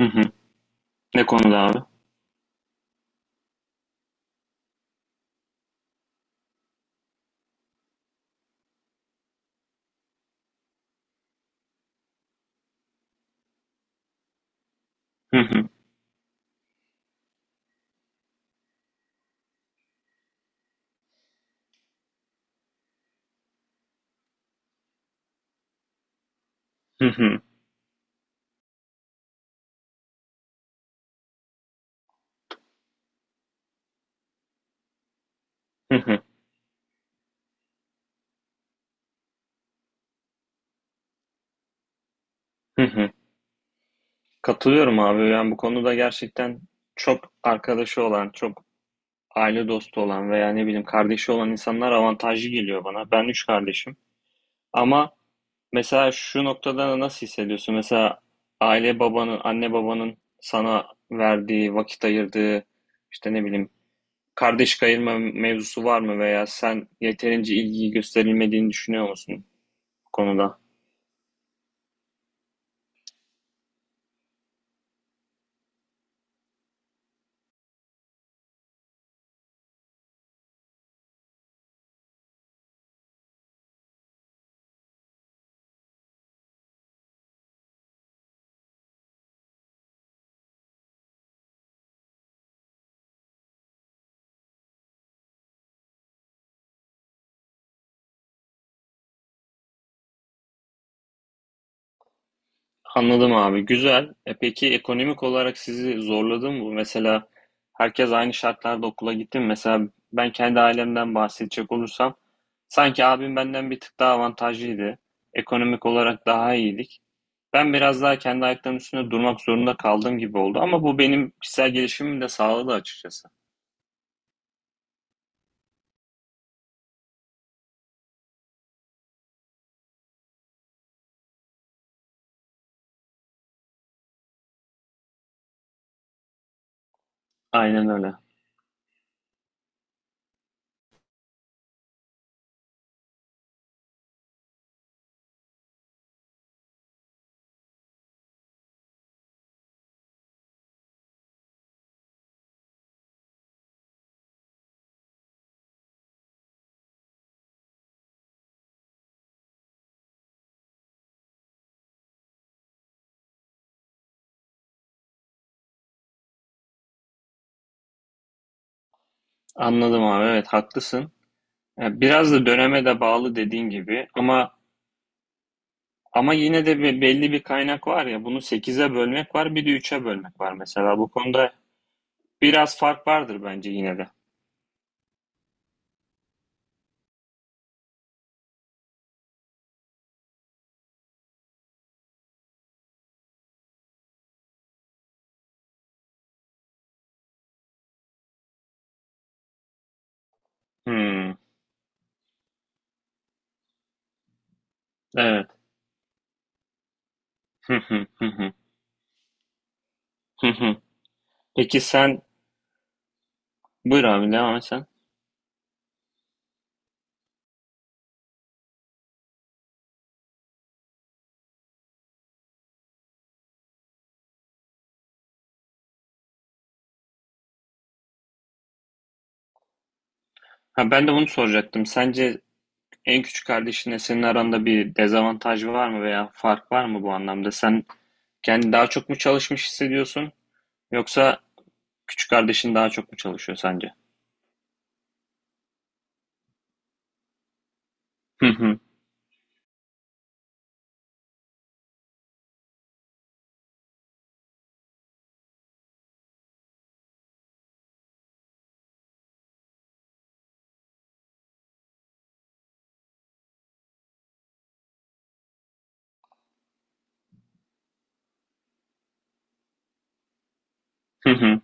Hı hı. Ne konuda abi? Hı hı. Hı hı. Hı hı. Hı hı. Katılıyorum abi. Yani bu konuda gerçekten çok arkadaşı olan, çok aile dostu olan veya ne bileyim kardeşi olan insanlar avantajlı geliyor bana. Ben üç kardeşim. Ama mesela şu noktada nasıl hissediyorsun? Mesela aile babanın, anne babanın sana verdiği, vakit ayırdığı, işte ne bileyim kardeş kayırma mevzusu var mı veya sen yeterince ilgi gösterilmediğini düşünüyor musun bu konuda? Anladım abi. Güzel. E peki ekonomik olarak sizi zorladı mı bu? Mesela herkes aynı şartlarda okula gitti mi? Mesela ben kendi ailemden bahsedecek olursam sanki abim benden bir tık daha avantajlıydı. Ekonomik olarak daha iyiydik. Ben biraz daha kendi ayaklarımın üstünde durmak zorunda kaldığım gibi oldu ama bu benim kişisel gelişimimi de sağladı açıkçası. Aynen öyle. Anladım abi. Evet haklısın. Biraz da döneme de bağlı dediğin gibi. Ama yine de belli bir kaynak var ya, bunu sekize bölmek var, bir de üç'e bölmek var, mesela bu konuda biraz fark vardır bence yine de. Hmm, evet. Hı hı, hı hı, hı hı. Peki sen, buyur abi devam et sen. Ha, ben de bunu soracaktım. Sence en küçük kardeşinle senin aranda bir dezavantaj var mı veya fark var mı bu anlamda? Sen kendi daha çok mu çalışmış hissediyorsun yoksa küçük kardeşin daha çok mu çalışıyor sence? Hı hı, hı hı.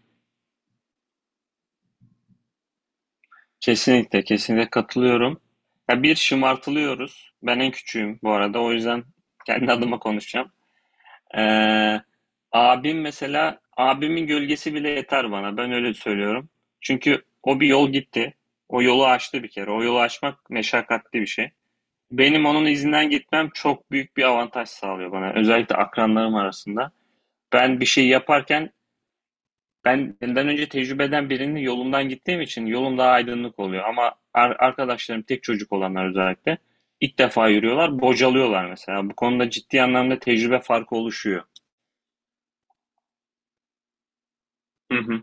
Kesinlikle, kesinlikle katılıyorum. Ya bir şımartılıyoruz. Ben en küçüğüm bu arada. O yüzden kendi adıma konuşacağım. Ee, Abim mesela, abimin gölgesi bile yeter bana. Ben öyle söylüyorum. Çünkü o bir yol gitti. O yolu aştı bir kere. O yolu aşmak meşakkatli bir şey. Benim onun izinden gitmem çok büyük bir avantaj sağlıyor bana, özellikle akranlarım arasında. Ben bir şey yaparken, ben benden önce tecrübeden birinin yolundan gittiğim için yolum daha aydınlık oluyor. Ama arkadaşlarım, tek çocuk olanlar özellikle, ilk defa yürüyorlar, bocalıyorlar mesela. Bu konuda ciddi anlamda tecrübe farkı oluşuyor. Hı hı.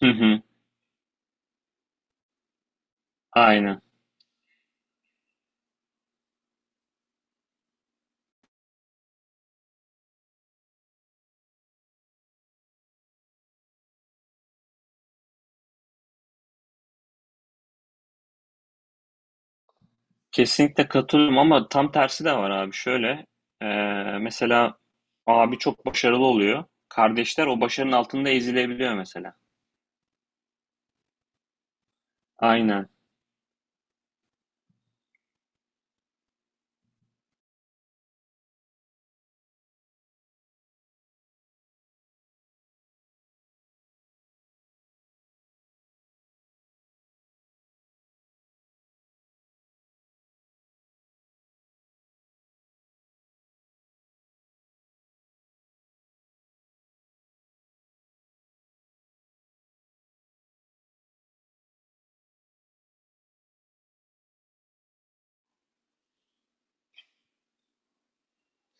Hı hı. Aynen. Kesinlikle katılıyorum ama tam tersi de var abi. Şöyle, e, mesela abi çok başarılı oluyor. Kardeşler o başarının altında ezilebiliyor mesela. Aynen.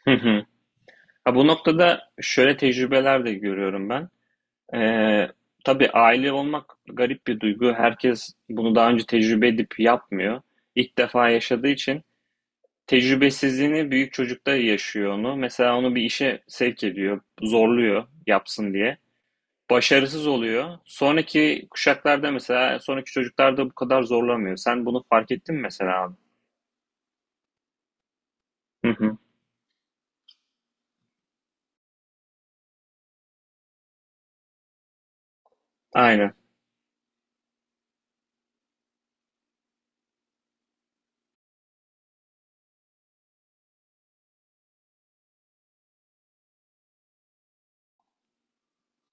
Hı hı. Ha, bu noktada şöyle tecrübeler de görüyorum ben. Ee, tabii aile olmak garip bir duygu. Herkes bunu daha önce tecrübe edip yapmıyor. İlk defa yaşadığı için tecrübesizliğini büyük çocukta yaşıyor onu. Mesela onu bir işe sevk ediyor, zorluyor yapsın diye. Başarısız oluyor. Sonraki kuşaklarda mesela, sonraki çocuklarda bu kadar zorlamıyor. Sen bunu fark ettin mi mesela abi? Hı hı. Aynen.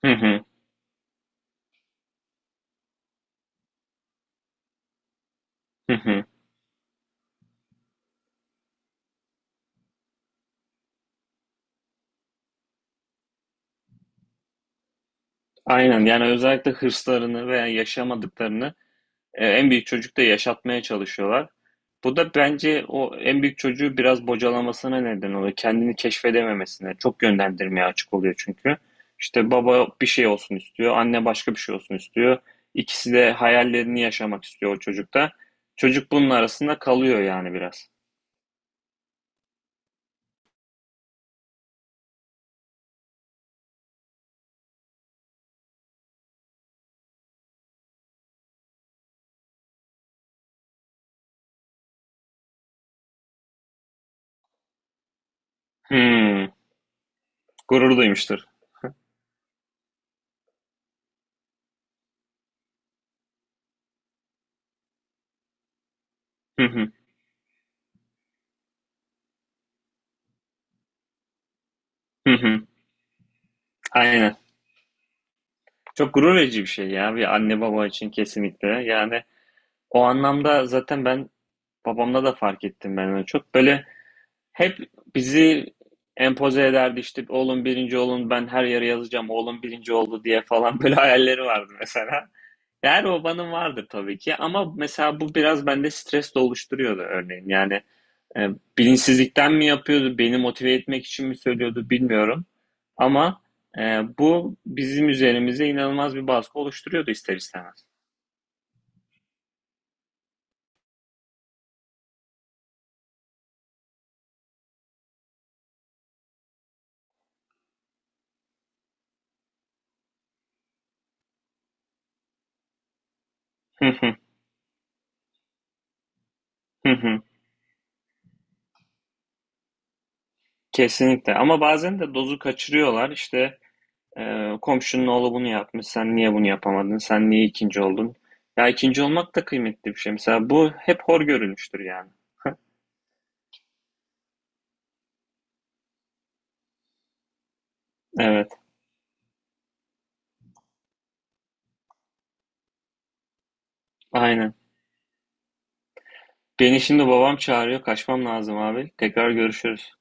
Hı hı. Hı hı. Aynen. Yani özellikle hırslarını veya yaşamadıklarını, en büyük çocuk da yaşatmaya çalışıyorlar. Bu da bence o en büyük çocuğu biraz bocalamasına neden oluyor. Kendini keşfedememesine. Çok yönlendirmeye açık oluyor çünkü. İşte baba bir şey olsun istiyor, anne başka bir şey olsun istiyor. İkisi de hayallerini yaşamak istiyor o çocukta. Çocuk bunun arasında kalıyor yani biraz. Hmm, gurur duymuştur. Hı hı, hı hı. Aynen. Çok gurur verici bir şey ya, bir anne baba için kesinlikle. Yani o anlamda zaten ben, babamda da fark ettim ben onu. Çok böyle. Hep bizi empoze ederdi, işte oğlum birinci olun, ben her yere yazacağım oğlum birinci oldu diye falan, böyle hayalleri vardı mesela. Her babanın vardır tabii ki, ama mesela bu biraz bende stres de oluşturuyordu örneğin. Yani e, bilinçsizlikten mi yapıyordu, beni motive etmek için mi söylüyordu bilmiyorum. Ama e, bu bizim üzerimize inanılmaz bir baskı oluşturuyordu ister istemez. Hı, hı hı. Kesinlikle, ama bazen de dozu kaçırıyorlar işte. Komşunun oğlu bunu yapmış. Sen niye bunu yapamadın? Sen niye ikinci oldun? Ya ikinci olmak da kıymetli bir şey. Mesela bu hep hor görülmüştür yani. Evet, aynen. Beni şimdi babam çağırıyor. Kaçmam lazım abi. Tekrar görüşürüz.